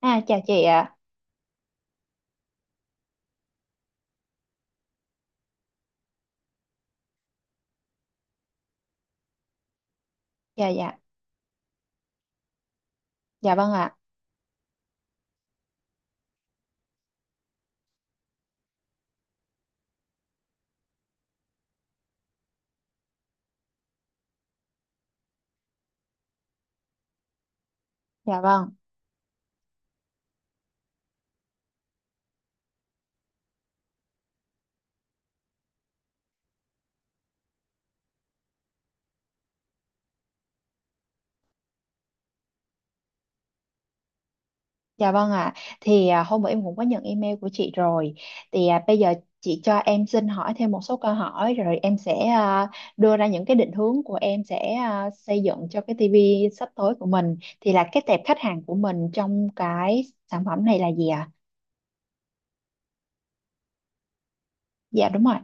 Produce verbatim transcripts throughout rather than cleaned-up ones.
À, chào chị ạ. Dạ dạ. Dạ vâng ạ. Dạ vâng. Dạ vâng ạ. Thì à, hôm bữa em cũng có nhận email của chị rồi. Thì à, bây giờ chị cho em xin hỏi thêm một số câu hỏi rồi em sẽ à, đưa ra những cái định hướng của em sẽ à, xây dựng cho cái ti vi sắp tới của mình. Thì là cái tệp khách hàng của mình trong cái sản phẩm này là gì ạ? Dạ đúng rồi.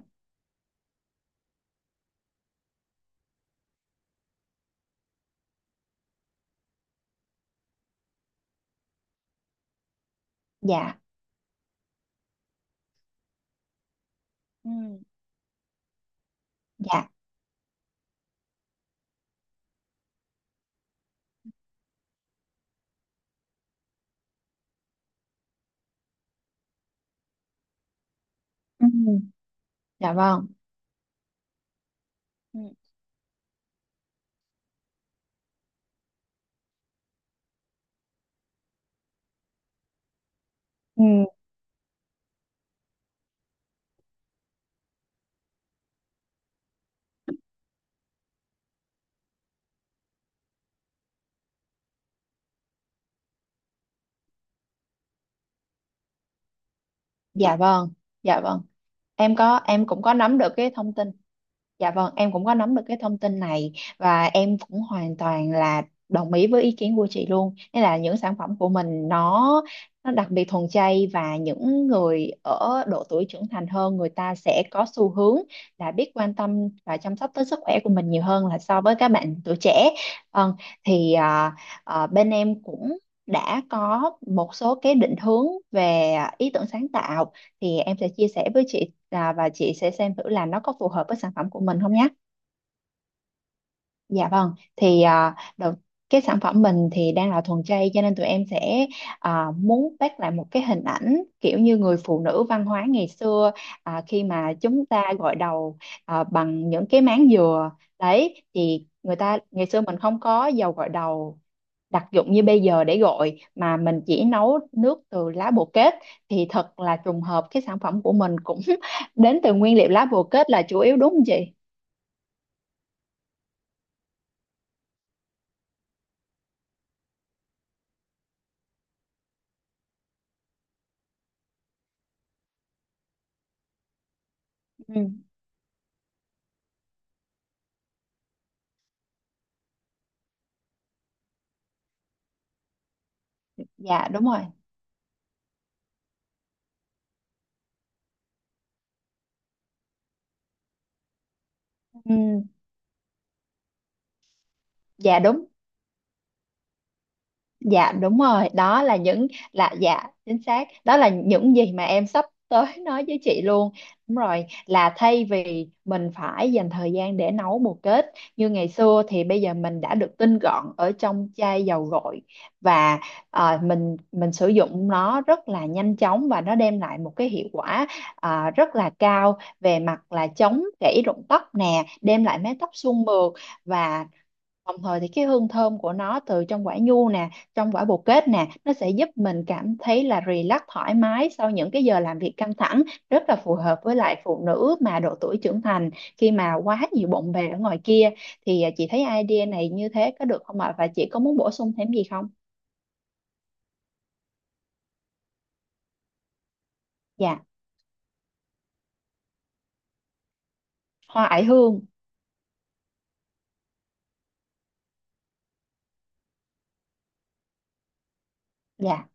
Dạ. Ừ. Dạ. Ừ. Dạ vâng. Ừ. Ừ. Dạ vâng, dạ vâng, em có em cũng có nắm được cái thông tin. Dạ vâng, em cũng có nắm được cái thông tin này và em cũng hoàn toàn là đồng ý với ý kiến của chị luôn. Nên là những sản phẩm của mình nó nó đặc biệt thuần chay và những người ở độ tuổi trưởng thành hơn người ta sẽ có xu hướng là biết quan tâm và chăm sóc tới sức khỏe của mình nhiều hơn là so với các bạn tuổi trẻ. Vâng, thì à, à, bên em cũng đã có một số cái định hướng về ý tưởng sáng tạo, thì em sẽ chia sẻ với chị, à, và chị sẽ xem thử là nó có phù hợp với sản phẩm của mình không nhé. Dạ vâng, thì à, đầu cái sản phẩm mình thì đang là thuần chay cho nên tụi em sẽ à, muốn bắt lại một cái hình ảnh kiểu như người phụ nữ văn hóa ngày xưa, à, khi mà chúng ta gội đầu à, bằng những cái máng dừa. Đấy thì người ta ngày xưa mình không có dầu gội đầu đặc dụng như bây giờ, để gọi mà mình chỉ nấu nước từ lá bồ kết. Thì thật là trùng hợp, cái sản phẩm của mình cũng đến từ nguyên liệu lá bồ kết là chủ yếu, đúng không chị? Ừ. Dạ đúng rồi. Ừ. Dạ đúng. Dạ đúng rồi, đó là những, là dạ chính xác, đó là những gì mà em sắp tới nói với chị luôn. Đúng rồi, là thay vì mình phải dành thời gian để nấu bồ kết như ngày xưa, thì bây giờ mình đã được tinh gọn ở trong chai dầu gội. Và ờ, mình mình sử dụng nó rất là nhanh chóng và nó đem lại một cái hiệu quả ờ, rất là cao về mặt là chống gãy rụng tóc nè, đem lại mái tóc suôn mượt và đồng thời thì cái hương thơm của nó từ trong quả nhu nè, trong quả bồ kết nè, nó sẽ giúp mình cảm thấy là relax thoải mái sau những cái giờ làm việc căng thẳng, rất là phù hợp với lại phụ nữ mà độ tuổi trưởng thành, khi mà quá nhiều bộn bề ở ngoài kia. Thì à, chị thấy idea này như thế có được không ạ? Và chị có muốn bổ sung thêm gì không? Dạ, hoa oải hương. Dạ,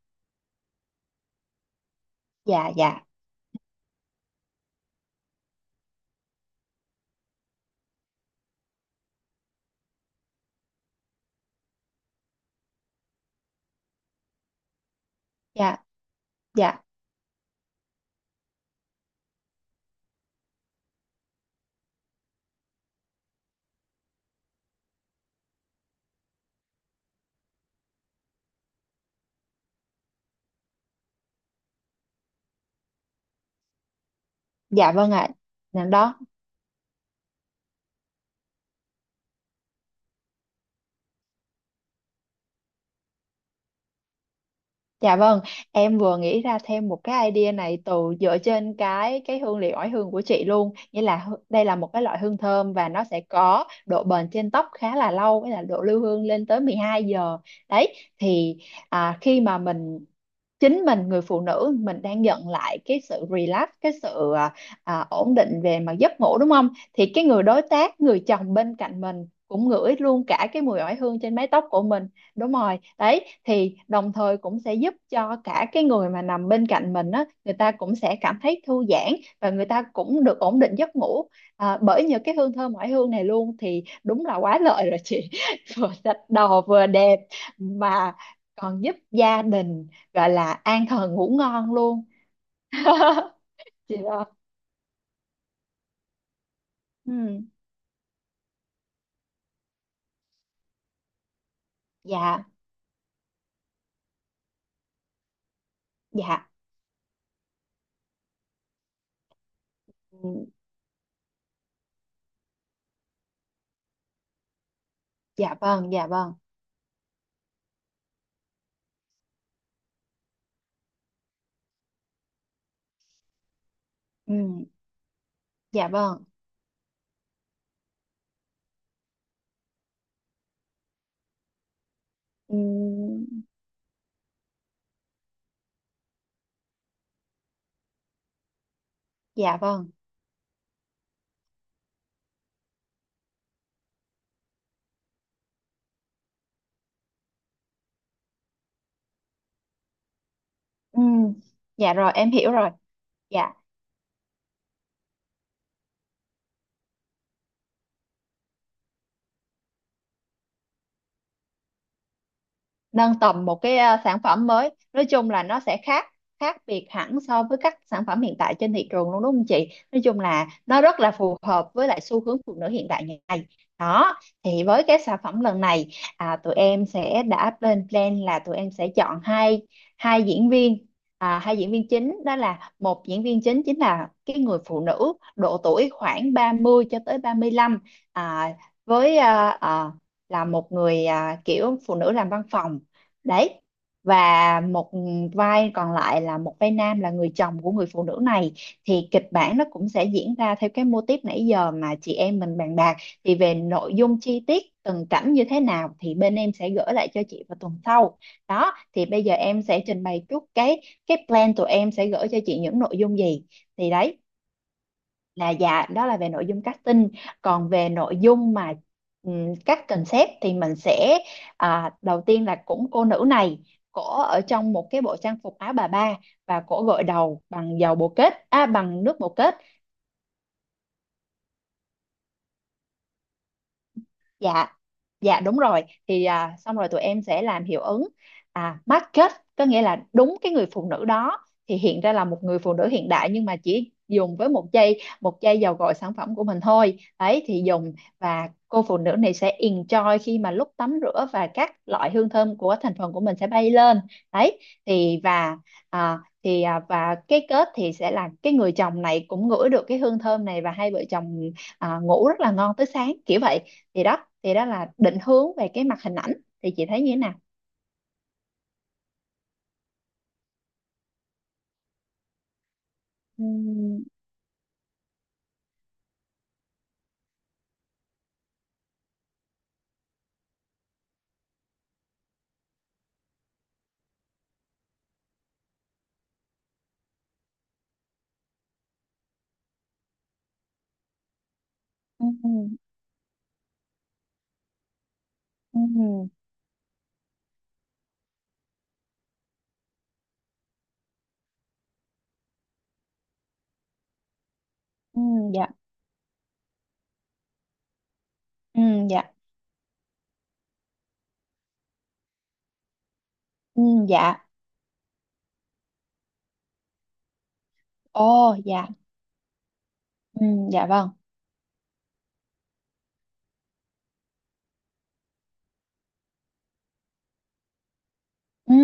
dạ, dạ, dạ, dạ, dạ vâng ạ. Đó. Dạ vâng, em vừa nghĩ ra thêm một cái idea này từ, dựa trên cái cái hương liệu oải hương của chị luôn. Nghĩa là hư- đây là một cái loại hương thơm và nó sẽ có độ bền trên tóc khá là lâu, với là độ lưu hương lên tới mười hai giờ. Đấy, thì à, khi mà mình, chính mình, người phụ nữ mình đang nhận lại cái sự relax, cái sự, à, à, ổn định về mặt giấc ngủ đúng không? Thì cái người đối tác, người chồng bên cạnh mình cũng ngửi luôn cả cái mùi oải hương trên mái tóc của mình. Đúng rồi đấy, thì đồng thời cũng sẽ giúp cho cả cái người mà nằm bên cạnh mình á, người ta cũng sẽ cảm thấy thư giãn và người ta cũng được ổn định giấc ngủ, à, bởi nhờ cái hương thơm ngoại hương này luôn. Thì đúng là quá lợi rồi chị. Vừa sạch đầu vừa đẹp mà còn giúp gia đình, gọi là an thần ngủ ngon luôn. Chị đó. Ừ. Dạ dạ. Ừ, dạ vâng, dạ vâng. Ừ, dạ vâng. Ừ, dạ vâng. Ừ, dạ rồi em hiểu rồi. Dạ, nâng tầm một cái, à, sản phẩm mới, nói chung là nó sẽ khác khác biệt hẳn so với các sản phẩm hiện tại trên thị trường luôn, đúng không chị? Nói chung là nó rất là phù hợp với lại xu hướng phụ nữ hiện đại ngày nay. Đó. Thì với cái sản phẩm lần này, à, tụi em sẽ đã lên plan là tụi em sẽ chọn hai hai diễn viên, à, hai diễn viên chính. Đó là một diễn viên chính, chính là cái người phụ nữ độ tuổi khoảng ba mươi cho tới ba mươi lăm, à, với, à, à, là một người, à, kiểu phụ nữ làm văn phòng. Đấy. Và một vai còn lại là một vai nam, là người chồng của người phụ nữ này. Thì kịch bản nó cũng sẽ diễn ra theo cái mô típ nãy giờ mà chị em mình bàn bạc. Thì về nội dung chi tiết từng cảnh như thế nào, thì bên em sẽ gửi lại cho chị vào tuần sau. Đó thì bây giờ em sẽ trình bày chút cái, cái plan tụi em sẽ gửi cho chị những nội dung gì, thì đấy là, dạ đó là về nội dung casting. Còn về nội dung mà, ừm, các concept, thì mình sẽ, à, đầu tiên là cũng cô nữ này, cổ ở trong một cái bộ trang phục áo bà ba và cổ gội đầu bằng dầu bồ kết, à, bằng nước bồ kết. Dạ. Dạ đúng rồi, thì à, xong rồi tụi em sẽ làm hiệu ứng, à market, có nghĩa là đúng cái người phụ nữ đó thì hiện ra là một người phụ nữ hiện đại, nhưng mà chỉ dùng với một giây, một giây vào gọi sản phẩm của mình thôi. Đấy thì dùng, và cô phụ nữ này sẽ enjoy khi mà lúc tắm rửa, và các loại hương thơm của thành phần của mình sẽ bay lên. Đấy thì, và à, thì à, và cái kết thì sẽ là cái người chồng này cũng ngửi được cái hương thơm này, và hai vợ chồng à, ngủ rất là ngon tới sáng kiểu vậy. Thì đó. Thì đó là định hướng về cái mặt hình ảnh, thì chị thấy như thế nào? Ừ. Ừ. Ừ. Ừ. Dạ. Ừ. Dạ. Ừ. Dạ. Ồ dạ. Ừ. Dạ vâng. Ừ,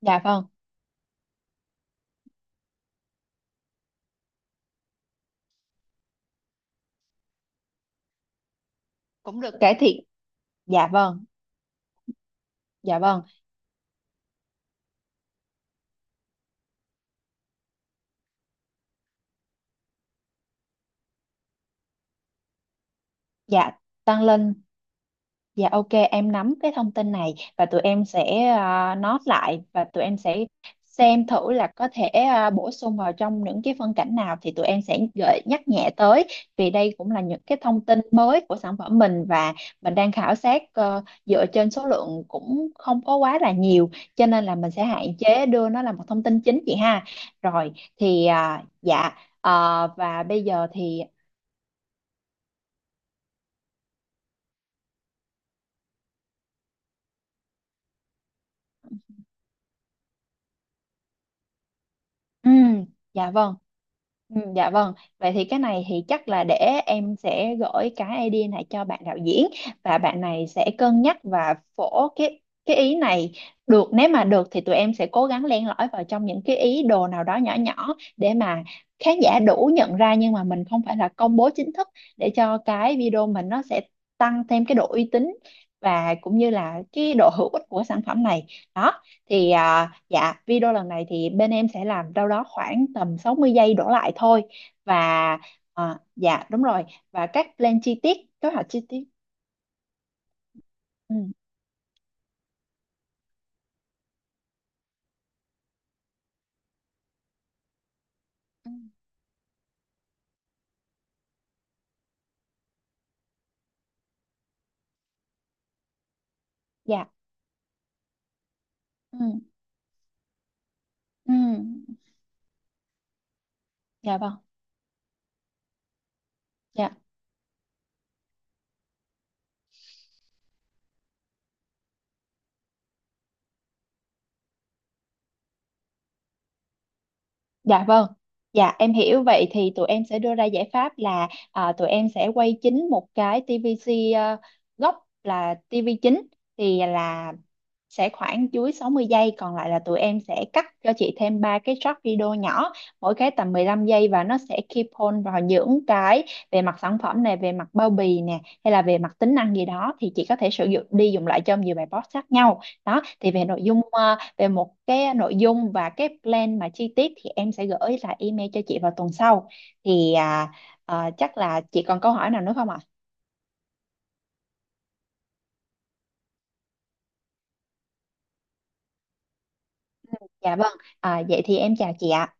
dạ vâng. Cũng được cải thiện. Dạ vâng. Dạ vâng. Dạ, tăng lên. Dạ ok, em nắm cái thông tin này và tụi em sẽ ờ, note lại, và tụi em sẽ xem thử là có thể ờ, bổ sung vào trong những cái phân cảnh nào, thì tụi em sẽ gợi nhắc nhẹ tới, vì đây cũng là những cái thông tin mới của sản phẩm mình, và mình đang khảo sát ờ, dựa trên số lượng cũng không có quá là nhiều, cho nên là mình sẽ hạn chế đưa nó là một thông tin chính, chị ha. Rồi, thì ờ, dạ, ờ, và bây giờ thì, ừ, dạ vâng. Ừ, dạ vâng. Vậy thì cái này thì chắc là để em sẽ gửi cái idea này cho bạn đạo diễn, và bạn này sẽ cân nhắc và phổ cái, cái ý này. Được, nếu mà được thì tụi em sẽ cố gắng len lỏi vào trong những cái ý đồ nào đó nhỏ nhỏ, để mà khán giả đủ nhận ra, nhưng mà mình không phải là công bố chính thức, để cho cái video mình nó sẽ tăng thêm cái độ uy tín và cũng như là cái độ hữu ích của sản phẩm này. Đó, thì à, dạ video lần này thì bên em sẽ làm đâu đó khoảng tầm sáu mươi giây đổ lại thôi, và à, dạ đúng rồi, và các plan chi tiết, kế hoạch chi tiết. Ừ. Ừ, dạ. Ừ. Ừ. Dạ vâng. Dạ. Dạ vâng. Dạ em hiểu, vậy thì tụi em sẽ đưa ra giải pháp là, à, tụi em sẽ quay chính một cái ti vi xi, ờ, gốc là ti vi chính, thì là sẽ khoảng dưới sáu mươi giây, còn lại là tụi em sẽ cắt cho chị thêm ba cái short video nhỏ, mỗi cái tầm mười lăm giây, và nó sẽ keep on vào những cái về mặt sản phẩm này, về mặt bao bì nè, hay là về mặt tính năng gì đó, thì chị có thể sử dụng đi dùng lại trong nhiều bài post khác nhau. Đó, thì về nội dung, ờ, về một cái nội dung và cái plan mà chi tiết, thì em sẽ gửi lại email cho chị vào tuần sau. Thì à, ờ, chắc là chị còn câu hỏi nào nữa không ạ? Dạ vâng, à, vậy thì em chào chị ạ.